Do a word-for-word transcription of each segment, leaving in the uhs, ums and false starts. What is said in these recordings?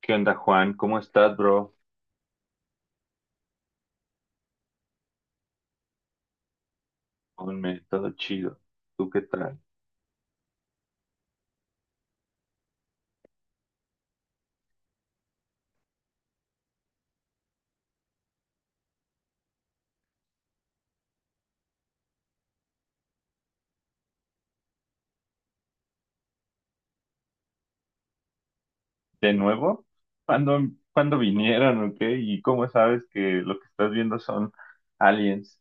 ¿Qué onda, Juan? ¿Cómo estás, bro? Hombre, todo chido. ¿Tú qué tal? ¿De nuevo? ¿Cuándo, ¿Cuándo vinieron o qué? ¿Y cómo sabes que lo que estás viendo son aliens?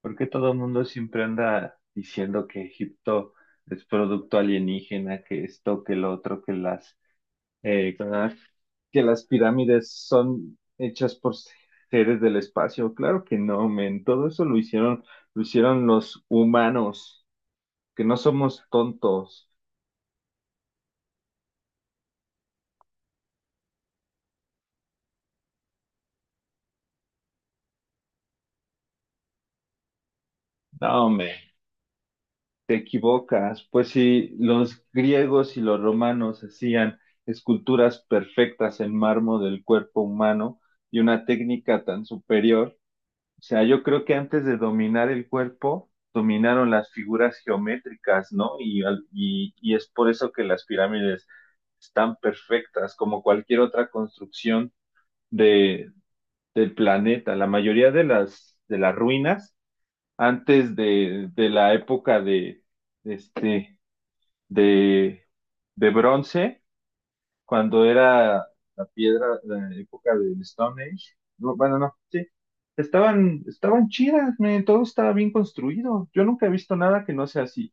¿Por qué todo el mundo siempre anda diciendo que Egipto es producto alienígena, que esto, que lo otro, que las, eh, que las que las pirámides son hechas por seres del espacio? Claro que no, men. Todo eso lo hicieron, Lo hicieron los humanos, que no somos tontos. No, hombre, te equivocas. Pues si los griegos y los romanos hacían esculturas perfectas en mármol del cuerpo humano y una técnica tan superior, o sea, yo creo que antes de dominar el cuerpo, dominaron las figuras geométricas, ¿no? Y, al- y, y es por eso que las pirámides están perfectas, como cualquier otra construcción de, del planeta. La mayoría de las, de las ruinas antes de, de la época de, de este, de, de bronce, cuando era la piedra, la época del Stone Age. No, bueno, no, sí. Estaban, estaban chidas, men, todo estaba bien construido. Yo nunca he visto nada que no sea así.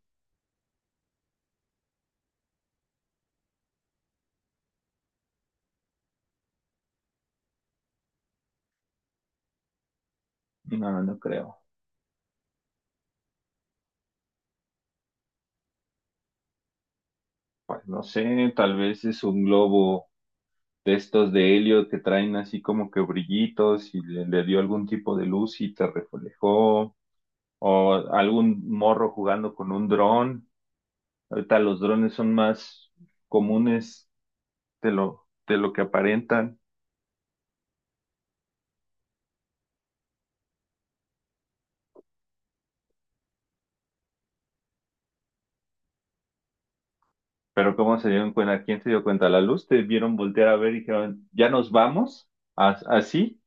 No, no creo. Pues no sé, tal vez es un globo de estos de helio que traen así como que brillitos y le, le dio algún tipo de luz y te reflejó. O algún morro jugando con un dron. Ahorita los drones son más comunes de lo, de lo que aparentan, pero ¿cómo se dieron cuenta? ¿Quién se dio cuenta? ¿La luz? ¿Te vieron voltear a ver y dijeron, ya nos vamos? ¿As- Así?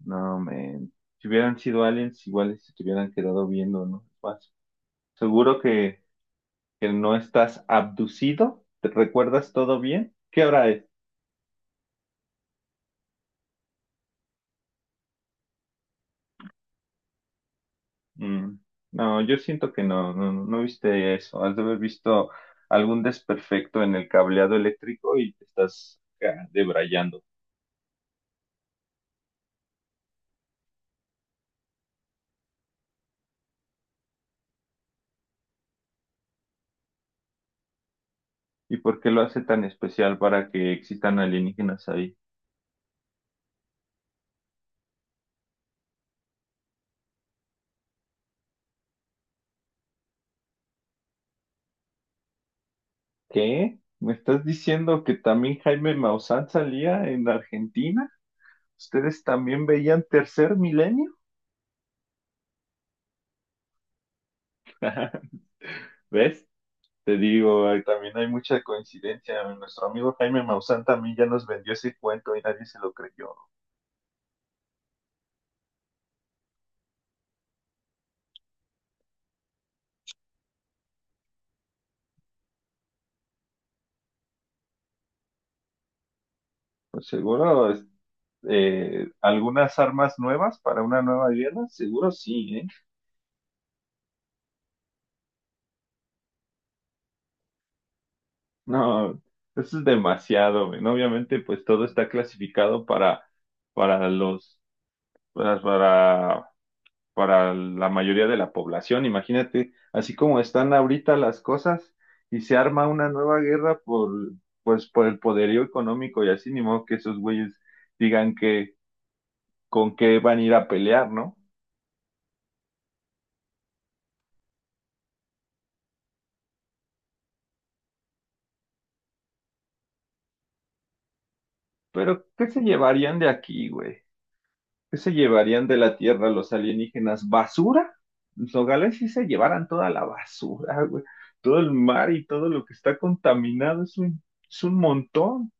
No, men. Si hubieran sido aliens, iguales se te hubieran quedado viendo, ¿no? Más. Seguro que, que no estás abducido. ¿Te recuerdas todo bien? ¿Qué hora es? Mm, no, yo siento que no, no, no viste eso. Has de haber visto algún desperfecto en el cableado eléctrico y te estás acá debrayando. ¿Y por qué lo hace tan especial para que existan alienígenas ahí? ¿Qué? ¿Me estás diciendo que también Jaime Maussan salía en Argentina? ¿Ustedes también veían Tercer Milenio? ¿Ves? Te digo, hay- también hay mucha coincidencia. Nuestro amigo Jaime Maussan también ya nos vendió ese cuento y nadie se lo creyó. Pues seguro, es- eh, algunas armas nuevas para una nueva guerra, seguro sí, ¿eh? No, eso es demasiado, men. Obviamente, pues todo está clasificado para, para los, para, para, para la mayoría de la población. Imagínate, así como están ahorita las cosas y se arma una nueva guerra por, pues, por el poderío económico y así, ni modo que esos güeyes digan que con qué van a ir a pelear, ¿no? Pero, ¿qué se llevarían de aquí, güey? ¿Qué se llevarían de la Tierra los alienígenas? ¿Basura? Los nogales sí se llevaran toda la basura, güey. Todo el mar y todo lo que está contaminado es un, es un montón.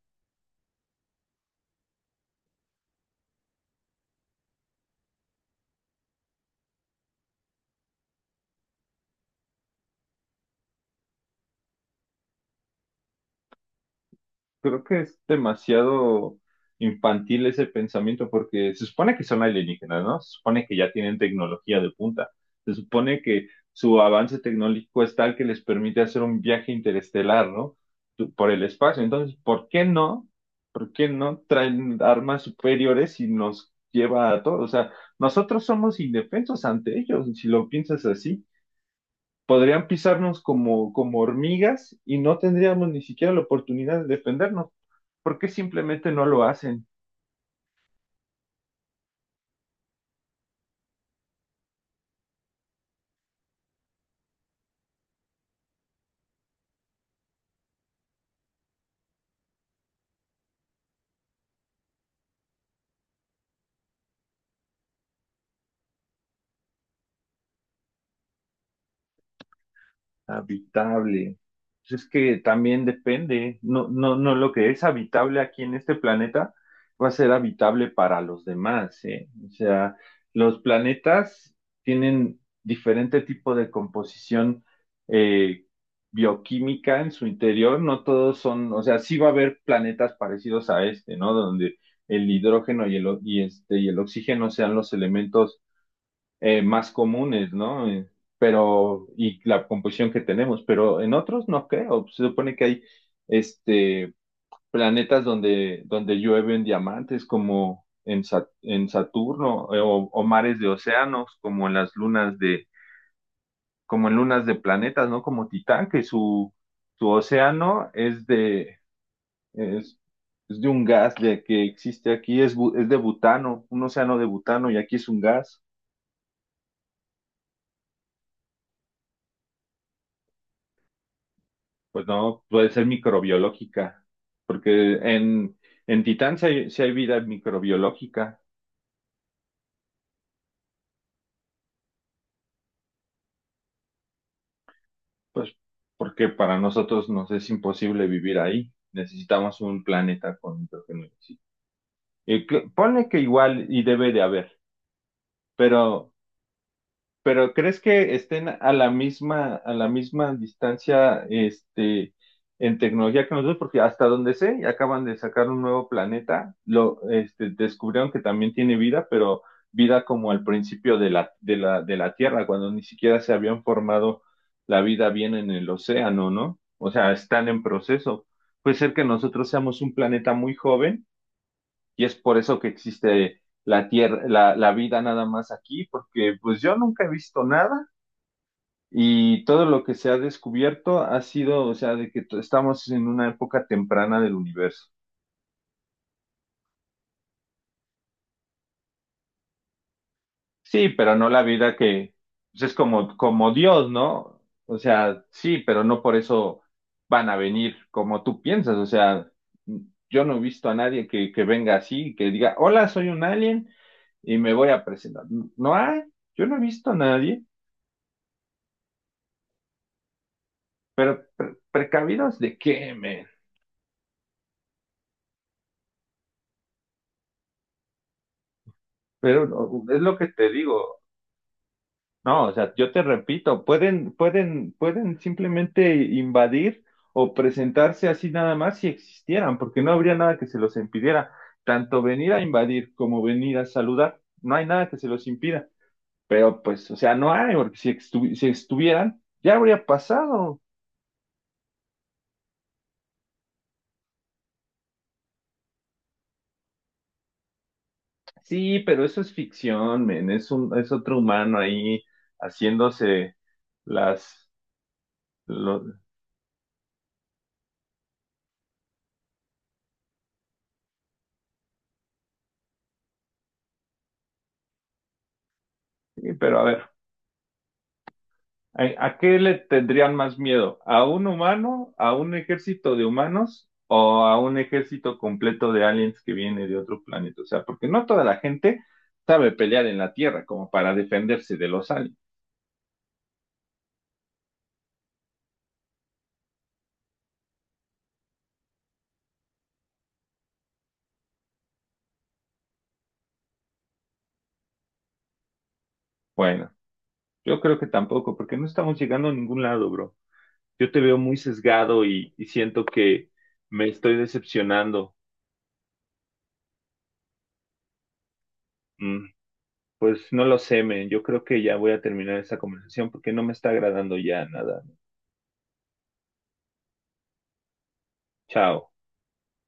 Creo que es demasiado infantil ese pensamiento porque se supone que son alienígenas, ¿no? Se supone que ya tienen tecnología de punta. Se supone que su avance tecnológico es tal que les permite hacer un viaje interestelar, ¿no? Tu- Por el espacio. Entonces, ¿por qué no? ¿Por qué no traen armas superiores y nos lleva a todos? O sea, nosotros somos indefensos ante ellos, si lo piensas así podrían pisarnos como, como hormigas y no tendríamos ni siquiera la oportunidad de defendernos, porque simplemente no lo hacen. Habitable. Pues es que también depende. No, no, no, lo que es habitable aquí en este planeta va a ser habitable para los demás, ¿eh? O sea, los planetas tienen diferente tipo de composición eh, bioquímica en su interior. No todos son, o sea, sí va a haber planetas parecidos a este, ¿no? Donde el hidrógeno y el, o- y este, y el oxígeno sean los elementos eh, más comunes, ¿no? Eh, Pero, y la composición que tenemos, pero en otros no creo. Se supone que hay este planetas donde, donde llueven diamantes, como en, Sa- en Saturno, eh, o, o mares de océanos, como en las lunas de, como en lunas de planetas, ¿no? Como Titán, que su, su océano es de, es, es de un gas de, que existe aquí, es, bu- es de butano, un océano de butano, y aquí es un gas. Pues no, puede ser microbiológica, porque en, en Titán sí hay, sí hay vida microbiológica, pues porque para nosotros nos es imposible vivir ahí. Necesitamos un planeta con hidrógeno. Sí. Y cl- ponle que igual y debe de haber, pero Pero ¿crees que estén a la misma, a la misma distancia, este, en tecnología que nosotros? Porque hasta donde sé, acaban de sacar un nuevo planeta, lo, este, descubrieron que también tiene vida, pero vida como al principio de la, de la, de la Tierra, cuando ni siquiera se habían formado la vida bien en el océano, ¿no? O sea, están en proceso. Puede ser que nosotros seamos un planeta muy joven y es por eso que existe la tierra, la, la vida nada más aquí, porque pues yo nunca he visto nada y todo lo que se ha descubierto ha sido, o sea, de que t- estamos en una época temprana del universo. Sí, pero no la vida que pues, es como, como Dios, ¿no? O sea, sí, pero no por eso van a venir como tú piensas. O sea, yo no he visto a nadie que, que venga así, que diga, hola, soy un alien y me voy a presentar. No, no hay, yo no he visto a nadie. ¿Precavidos de qué, men? Pero no, es lo que te digo. No, o sea, yo te repito, pueden, pueden, pueden simplemente invadir o presentarse así nada más si existieran, porque no habría nada que se los impidiera. Tanto venir a invadir como venir a saludar, no hay nada que se los impida. Pero pues, o sea, no hay, porque si, estu- si estuvieran, ya habría pasado. Sí, pero eso es ficción, men, es un, es otro humano ahí haciéndose las, lo- Sí, pero a ver. ¿A, a qué le tendrían más miedo? ¿A un humano, a un ejército de humanos o a un ejército completo de aliens que viene de otro planeta? O sea, porque no toda la gente sabe pelear en la Tierra como para defenderse de los aliens. Bueno, yo creo que tampoco, porque no estamos llegando a ningún lado, bro. Yo te veo muy sesgado y, y siento que me estoy decepcionando. Mm, pues no lo sé, men. Yo creo que ya voy a terminar esta conversación porque no me está agradando ya nada. Chao.